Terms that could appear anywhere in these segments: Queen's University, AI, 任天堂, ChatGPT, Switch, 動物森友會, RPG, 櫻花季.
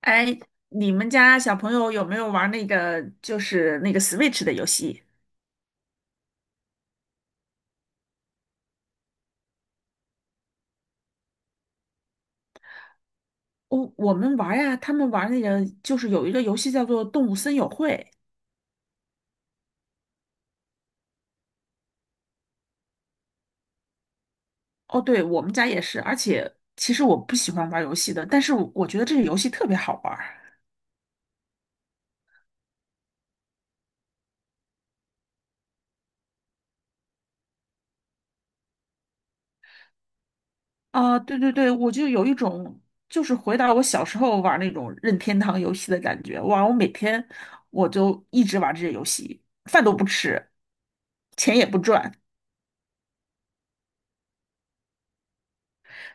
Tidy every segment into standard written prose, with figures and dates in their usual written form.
哎，你们家小朋友有没有玩那个就是那个 Switch 的游戏？我们玩呀，他们玩那个就是有一个游戏叫做《动物森友会》。哦，对，我们家也是。而且其实我不喜欢玩游戏的，但是我觉得这个游戏特别好玩儿啊！对对对，我就有一种就是回到我小时候玩那种任天堂游戏的感觉。哇，我每天我就一直玩这些游戏，饭都不吃，钱也不赚。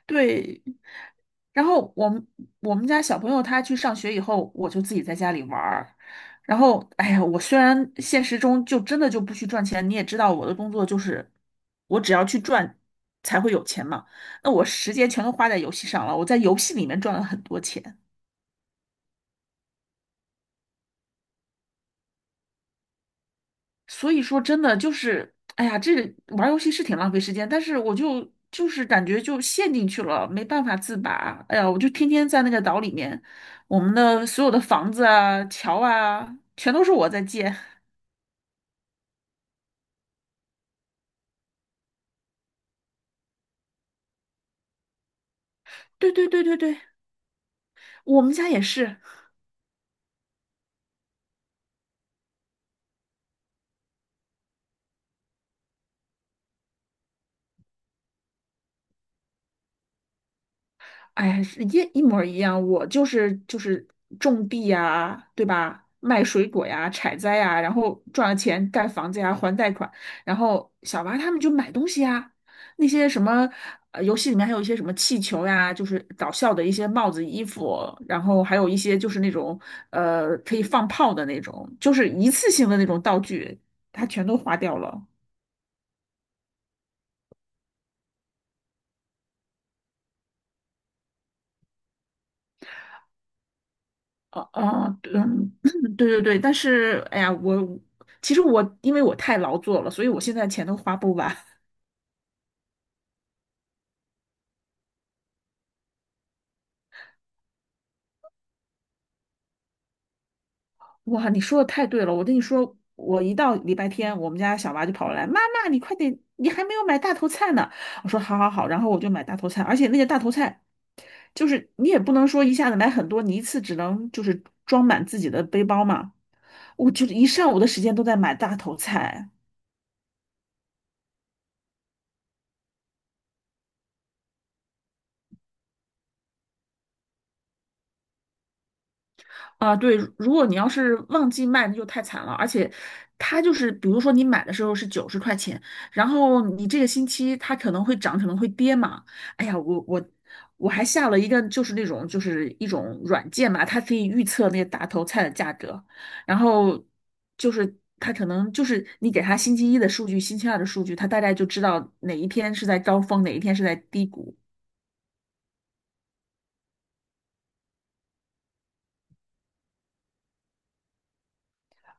对，然后我们家小朋友他去上学以后，我就自己在家里玩儿。然后，哎呀，我虽然现实中就真的就不去赚钱，你也知道我的工作就是我只要去赚才会有钱嘛。那我时间全都花在游戏上了，我在游戏里面赚了很多钱。所以说真的就是，哎呀，这玩儿游戏是挺浪费时间，但是我就是感觉就陷进去了，没办法自拔。哎呀，我就天天在那个岛里面，我们的所有的房子啊、桥啊，全都是我在建。对对对对对，我们家也是。哎呀，是一一模儿一样，我就是种地呀，对吧？卖水果呀，采摘呀，然后赚了钱盖房子呀，还贷款。然后小娃他们就买东西呀，那些什么游戏里面还有一些什么气球呀，就是搞笑的一些帽子、衣服，然后还有一些就是那种可以放炮的那种，就是一次性的那种道具，他全都花掉了。哦哦，嗯，对对对，但是哎呀，其实我因为我太劳作了，所以我现在钱都花不完。哇，你说的太对了，我跟你说，我一到礼拜天，我们家小娃就跑过来，妈妈，你快点，你还没有买大头菜呢。我说好好好，然后我就买大头菜，而且那个大头菜就是你也不能说一下子买很多，你一次只能就是装满自己的背包嘛。我就是一上午的时间都在买大头菜。啊，对，如果你要是旺季卖，那就太惨了。而且，它就是，比如说你买的时候是90块钱，然后你这个星期它可能会涨，可能会跌嘛。哎呀，我还下了一个，就是那种就是一种软件嘛，它可以预测那个大头菜的价格，然后就是它可能就是你给它星期一的数据，星期二的数据，它大概就知道哪一天是在高峰，哪一天是在低谷。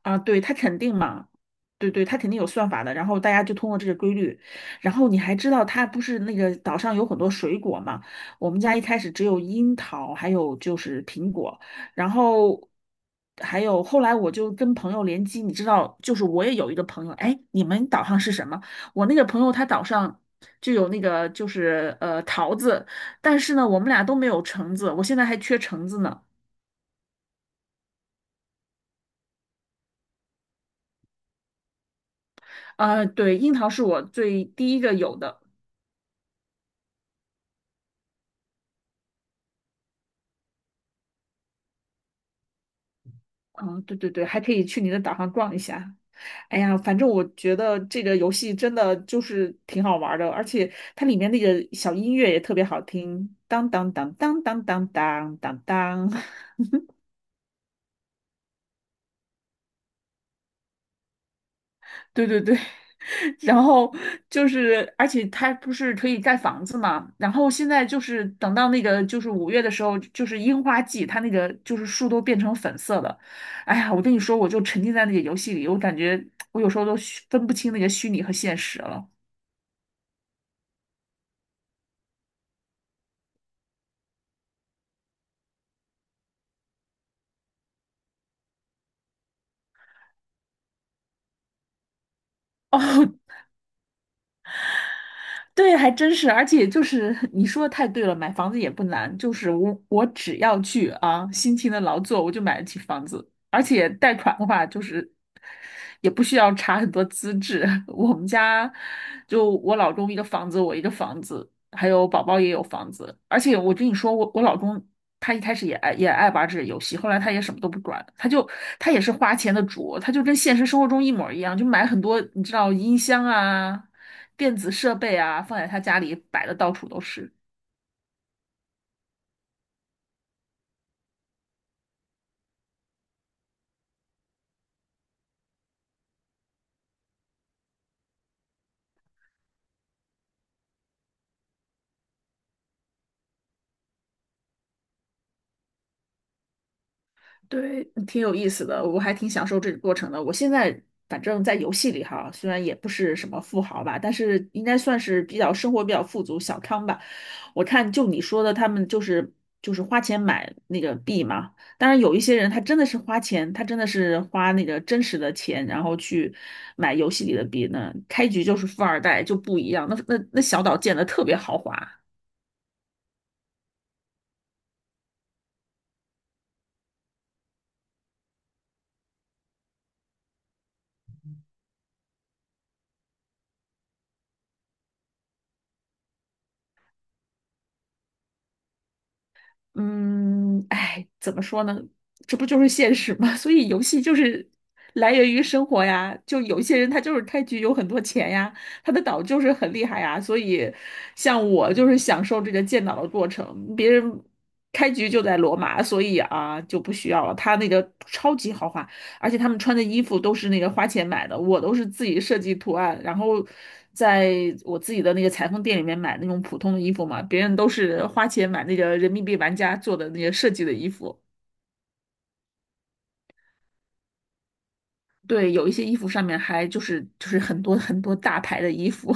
啊，对，它肯定嘛，对对，它肯定有算法的。然后大家就通过这个规律，然后你还知道它不是那个岛上有很多水果嘛？我们家一开始只有樱桃，还有就是苹果，然后还有后来我就跟朋友联机，你知道，就是我也有一个朋友，哎，你们岛上是什么？我那个朋友他岛上就有那个就是桃子，但是呢，我们俩都没有橙子，我现在还缺橙子呢。呃，对，樱桃是我最第一个有的。嗯，对对对，还可以去你的岛上逛一下。哎呀，反正我觉得这个游戏真的就是挺好玩儿的，而且它里面那个小音乐也特别好听，当当当当当当当当当。对对对，然后就是，而且它不是可以盖房子嘛？然后现在就是等到那个就是5月的时候，就是樱花季，它那个就是树都变成粉色的。哎呀，我跟你说，我就沉浸在那个游戏里，我感觉我有时候都虚分不清那个虚拟和现实了。哦，对，还真是，而且就是你说的太对了，买房子也不难，就是我只要去啊，辛勤的劳作，我就买得起房子，而且贷款的话，就是也不需要查很多资质。我们家就我老公一个房子，我一个房子，还有宝宝也有房子，而且我跟你说，我老公他一开始也爱玩这个游戏，后来他也什么都不管，他也是花钱的主，他就跟现实生活中一模一样，就买很多你知道音箱啊。电子设备啊，放在他家里摆的到处都是。对，挺有意思的，我还挺享受这个过程的。我现在反正在游戏里哈，虽然也不是什么富豪吧，但是应该算是比较生活比较富足、小康吧。我看就你说的，他们就是花钱买那个币嘛。当然有一些人他真的是花钱，他真的是花那个真实的钱，然后去买游戏里的币呢。开局就是富二代就不一样，那小岛建的特别豪华。嗯，哎，怎么说呢？这不就是现实吗？所以游戏就是来源于生活呀。就有些人他就是开局有很多钱呀，他的岛就是很厉害呀。所以，像我就是享受这个建岛的过程。别人开局就在罗马，所以啊就不需要了。他那个超级豪华。而且他们穿的衣服都是那个花钱买的，我都是自己设计图案，然后在我自己的那个裁缝店里面买那种普通的衣服嘛，别人都是花钱买那个人民币玩家做的那些设计的衣服。对，有一些衣服上面还就是很多很多大牌的衣服，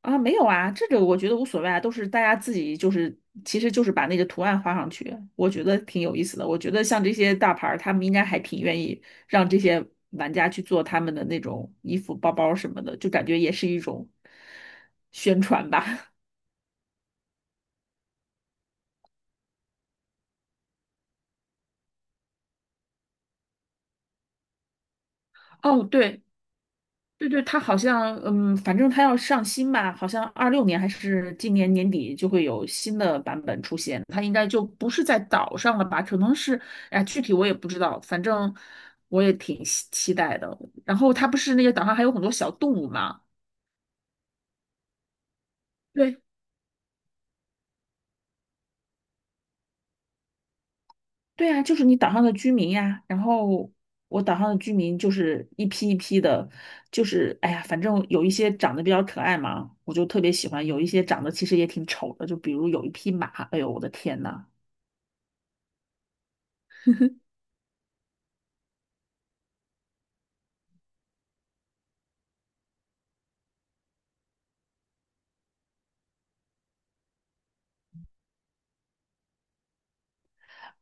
啊，没有啊，这个我觉得无所谓啊，都是大家自己就是，其实就是把那个图案画上去，我觉得挺有意思的。我觉得像这些大牌儿，他们应该还挺愿意让这些玩家去做他们的那种衣服、包包什么的，就感觉也是一种宣传吧。哦，对，对对，他好像，嗯，反正他要上新吧，好像26年还是今年年底就会有新的版本出现。他应该就不是在岛上了吧？可能是，哎，具体我也不知道，反正我也挺期待的。然后他不是那个岛上还有很多小动物嘛？对对啊，就是你岛上的居民呀。然后我岛上的居民就是一批一批的，就是哎呀，反正有一些长得比较可爱嘛，我就特别喜欢；有一些长得其实也挺丑的，就比如有一匹马，哎呦我的天呐！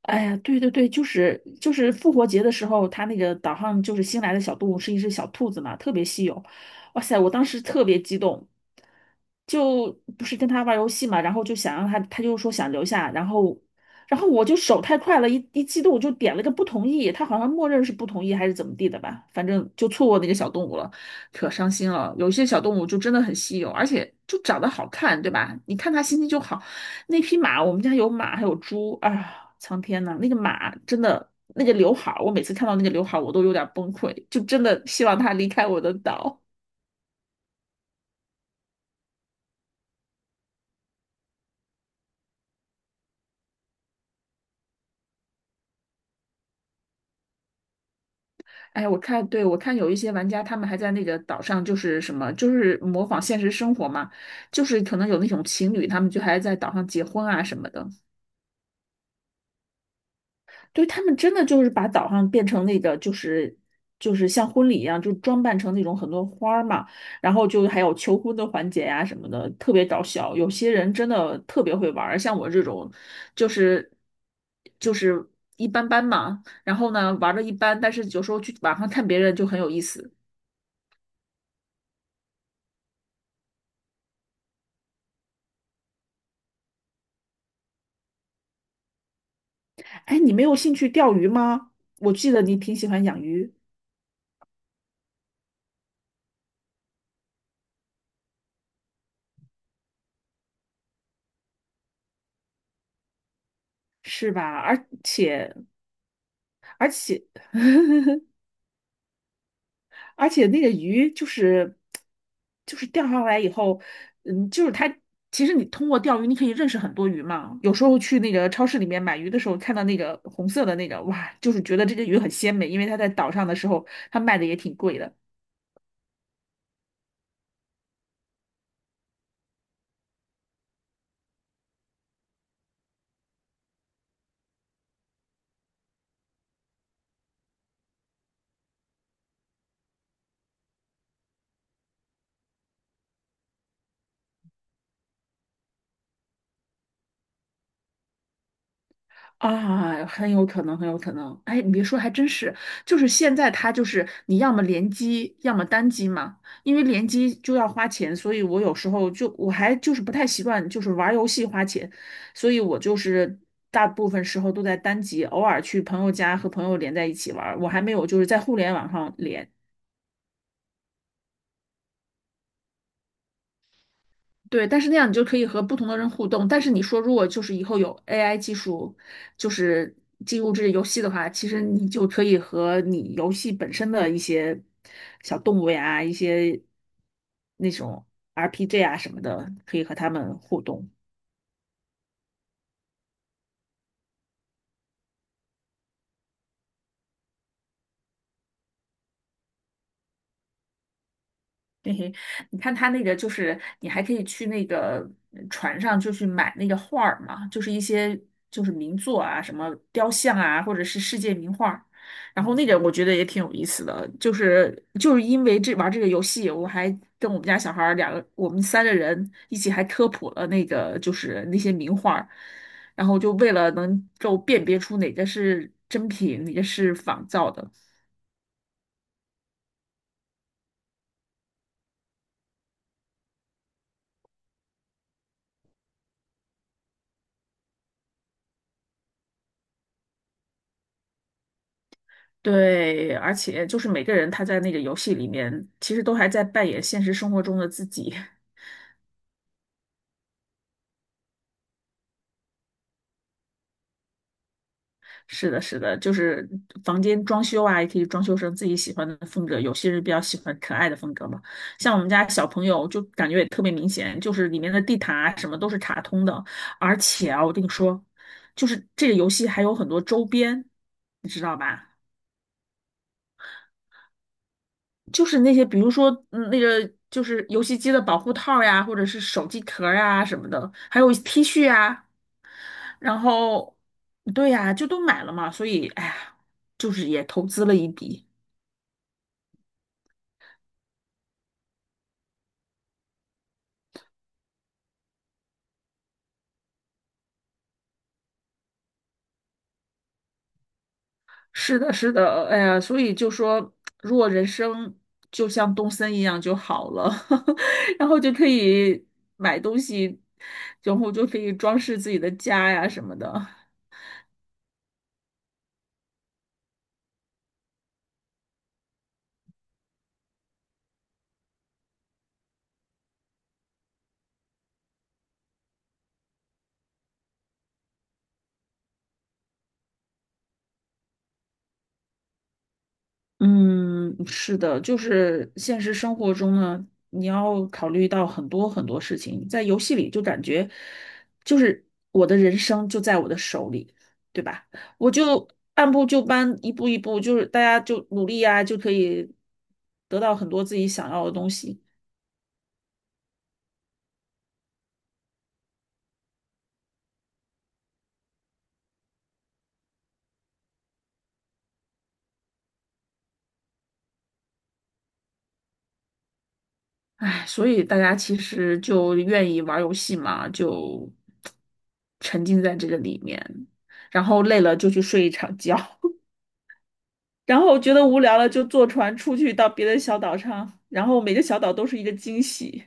哎呀，对对对，就是复活节的时候，他那个岛上就是新来的小动物是一只小兔子嘛，特别稀有。哇塞，我当时特别激动，就不是跟他玩游戏嘛，然后就想让他，他就说想留下，然后然后我就手太快了，一激动我就点了个不同意，他好像默认是不同意还是怎么地的吧，反正就错过那个小动物了，可伤心了。有些小动物就真的很稀有，而且就长得好看，对吧？你看它心情就好。那匹马，我们家有马，还有猪啊！苍天呐，那个马真的，那个刘海儿，我每次看到那个刘海儿，我都有点崩溃，就真的希望它离开我的岛。哎，我看，对，我看有一些玩家，他们还在那个岛上，就是什么，就是模仿现实生活嘛，就是可能有那种情侣，他们就还在岛上结婚啊什么的。对，他们真的就是把岛上变成那个，就是就是像婚礼一样，就装扮成那种很多花儿嘛，然后就还有求婚的环节呀、什么的，特别搞笑。有些人真的特别会玩儿，像我这种，就是就是一般般嘛。然后呢，玩的一般，但是有时候去网上看别人就很有意思。哎，你没有兴趣钓鱼吗？我记得你挺喜欢养鱼，是吧？而且而且那个鱼就是钓上来以后，嗯，就是它。其实你通过钓鱼，你可以认识很多鱼嘛。有时候去那个超市里面买鱼的时候，看到那个红色的那个，哇，就是觉得这个鱼很鲜美，因为它在岛上的时候，它卖的也挺贵的。啊，很有可能，很有可能。哎，你别说，还真是，就是现在它就是你要么联机，要么单机嘛。因为联机就要花钱，所以我有时候就我还就是不太习惯，就是玩儿游戏花钱，所以我就是大部分时候都在单机，偶尔去朋友家和朋友连在一起玩儿。我还没有就是在互联网上连。对，但是那样你就可以和不同的人互动。但是你说，如果就是以后有 AI 技术，就是进入这个游戏的话，其实你就可以和你游戏本身的一些小动物呀、一些那种 RPG 啊什么的，可以和他们互动。嘿嘿，你看他那个就是，你还可以去那个船上，就去买那个画儿嘛，就是一些就是名作啊，什么雕像啊，或者是世界名画儿。然后那个我觉得也挺有意思的，就是因为这玩这个游戏，我还跟我们家小孩儿两个，我们三个人一起还科普了那个就是那些名画儿，然后就为了能够辨别出哪个是真品，哪个是仿造的。对，而且就是每个人他在那个游戏里面，其实都还在扮演现实生活中的自己。是的，是的，就是房间装修啊，也可以装修成自己喜欢的风格。有些人比较喜欢可爱的风格嘛，像我们家小朋友就感觉也特别明显，就是里面的地毯啊什么都是卡通的。而且啊，我跟你说，就是这个游戏还有很多周边，你知道吧？就是那些，比如说那个就是游戏机的保护套呀，或者是手机壳儿啊什么的，还有 T 恤啊，然后对呀，就都买了嘛，所以哎呀，就是也投资了一笔。是的，是的，哎呀，所以就说，如果人生就像东森一样就好了，然后就可以买东西，然后就可以装饰自己的家呀什么的。嗯，是的，就是现实生活中呢，你要考虑到很多很多事情，在游戏里就感觉，就是我的人生就在我的手里，对吧？我就按部就班，一步一步，就是大家就努力呀，就可以得到很多自己想要的东西。唉，所以大家其实就愿意玩游戏嘛，就沉浸在这个里面，然后累了就去睡一场觉。然后觉得无聊了，就坐船出去到别的小岛上，然后每个小岛都是一个惊喜。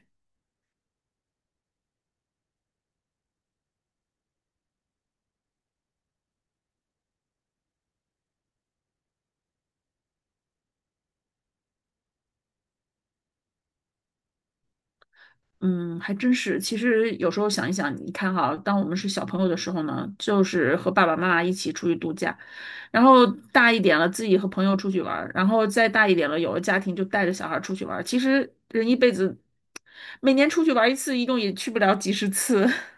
嗯，还真是。其实有时候想一想，你看哈，当我们是小朋友的时候呢，就是和爸爸妈妈一起出去度假，然后大一点了，自己和朋友出去玩儿，然后再大一点了，有了家庭就带着小孩儿出去玩儿。其实人一辈子，每年出去玩儿一次，一共也去不了几十次。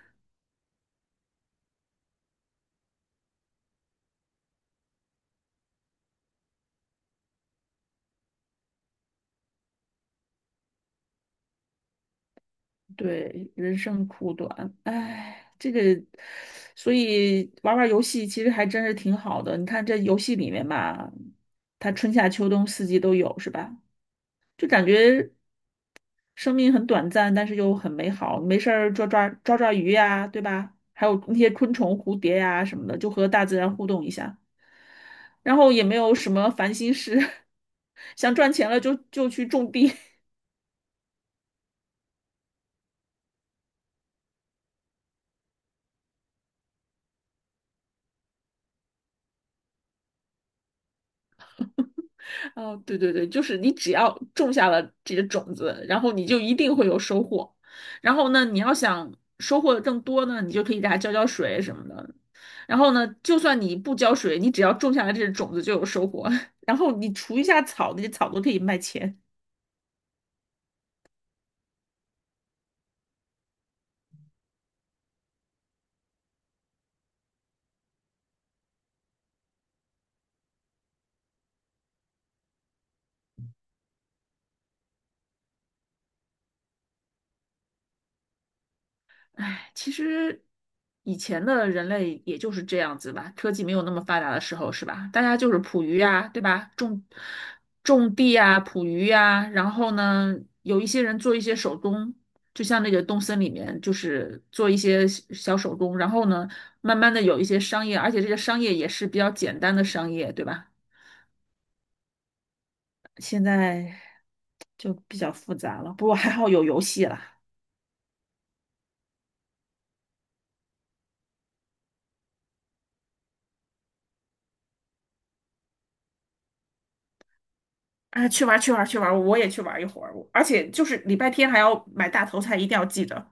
对，人生苦短，哎，这个，所以玩玩游戏其实还真是挺好的。你看这游戏里面吧，它春夏秋冬四季都有，是吧？就感觉生命很短暂，但是又很美好。没事儿抓抓鱼呀，对吧？还有那些昆虫、蝴蝶呀什么的，就和大自然互动一下。然后也没有什么烦心事，想赚钱了就去种地，哦，对对对，就是你只要种下了这个种子，然后你就一定会有收获。然后呢，你要想收获的更多呢，你就可以给它浇浇水什么的。然后呢，就算你不浇水，你只要种下了这个种子就有收获。然后你除一下草，那些草都可以卖钱。唉，其实以前的人类也就是这样子吧，科技没有那么发达的时候，是吧？大家就是捕鱼呀，对吧？种地呀，捕鱼呀，然后呢，有一些人做一些手工，就像那个东森里面，就是做一些小小手工，然后呢，慢慢的有一些商业，而且这个商业也是比较简单的商业，对吧？现在就比较复杂了，不过还好有游戏了。啊，去玩儿去玩儿去玩儿我也去玩儿一会儿，我而且就是礼拜天还要买大头菜，一定要记得。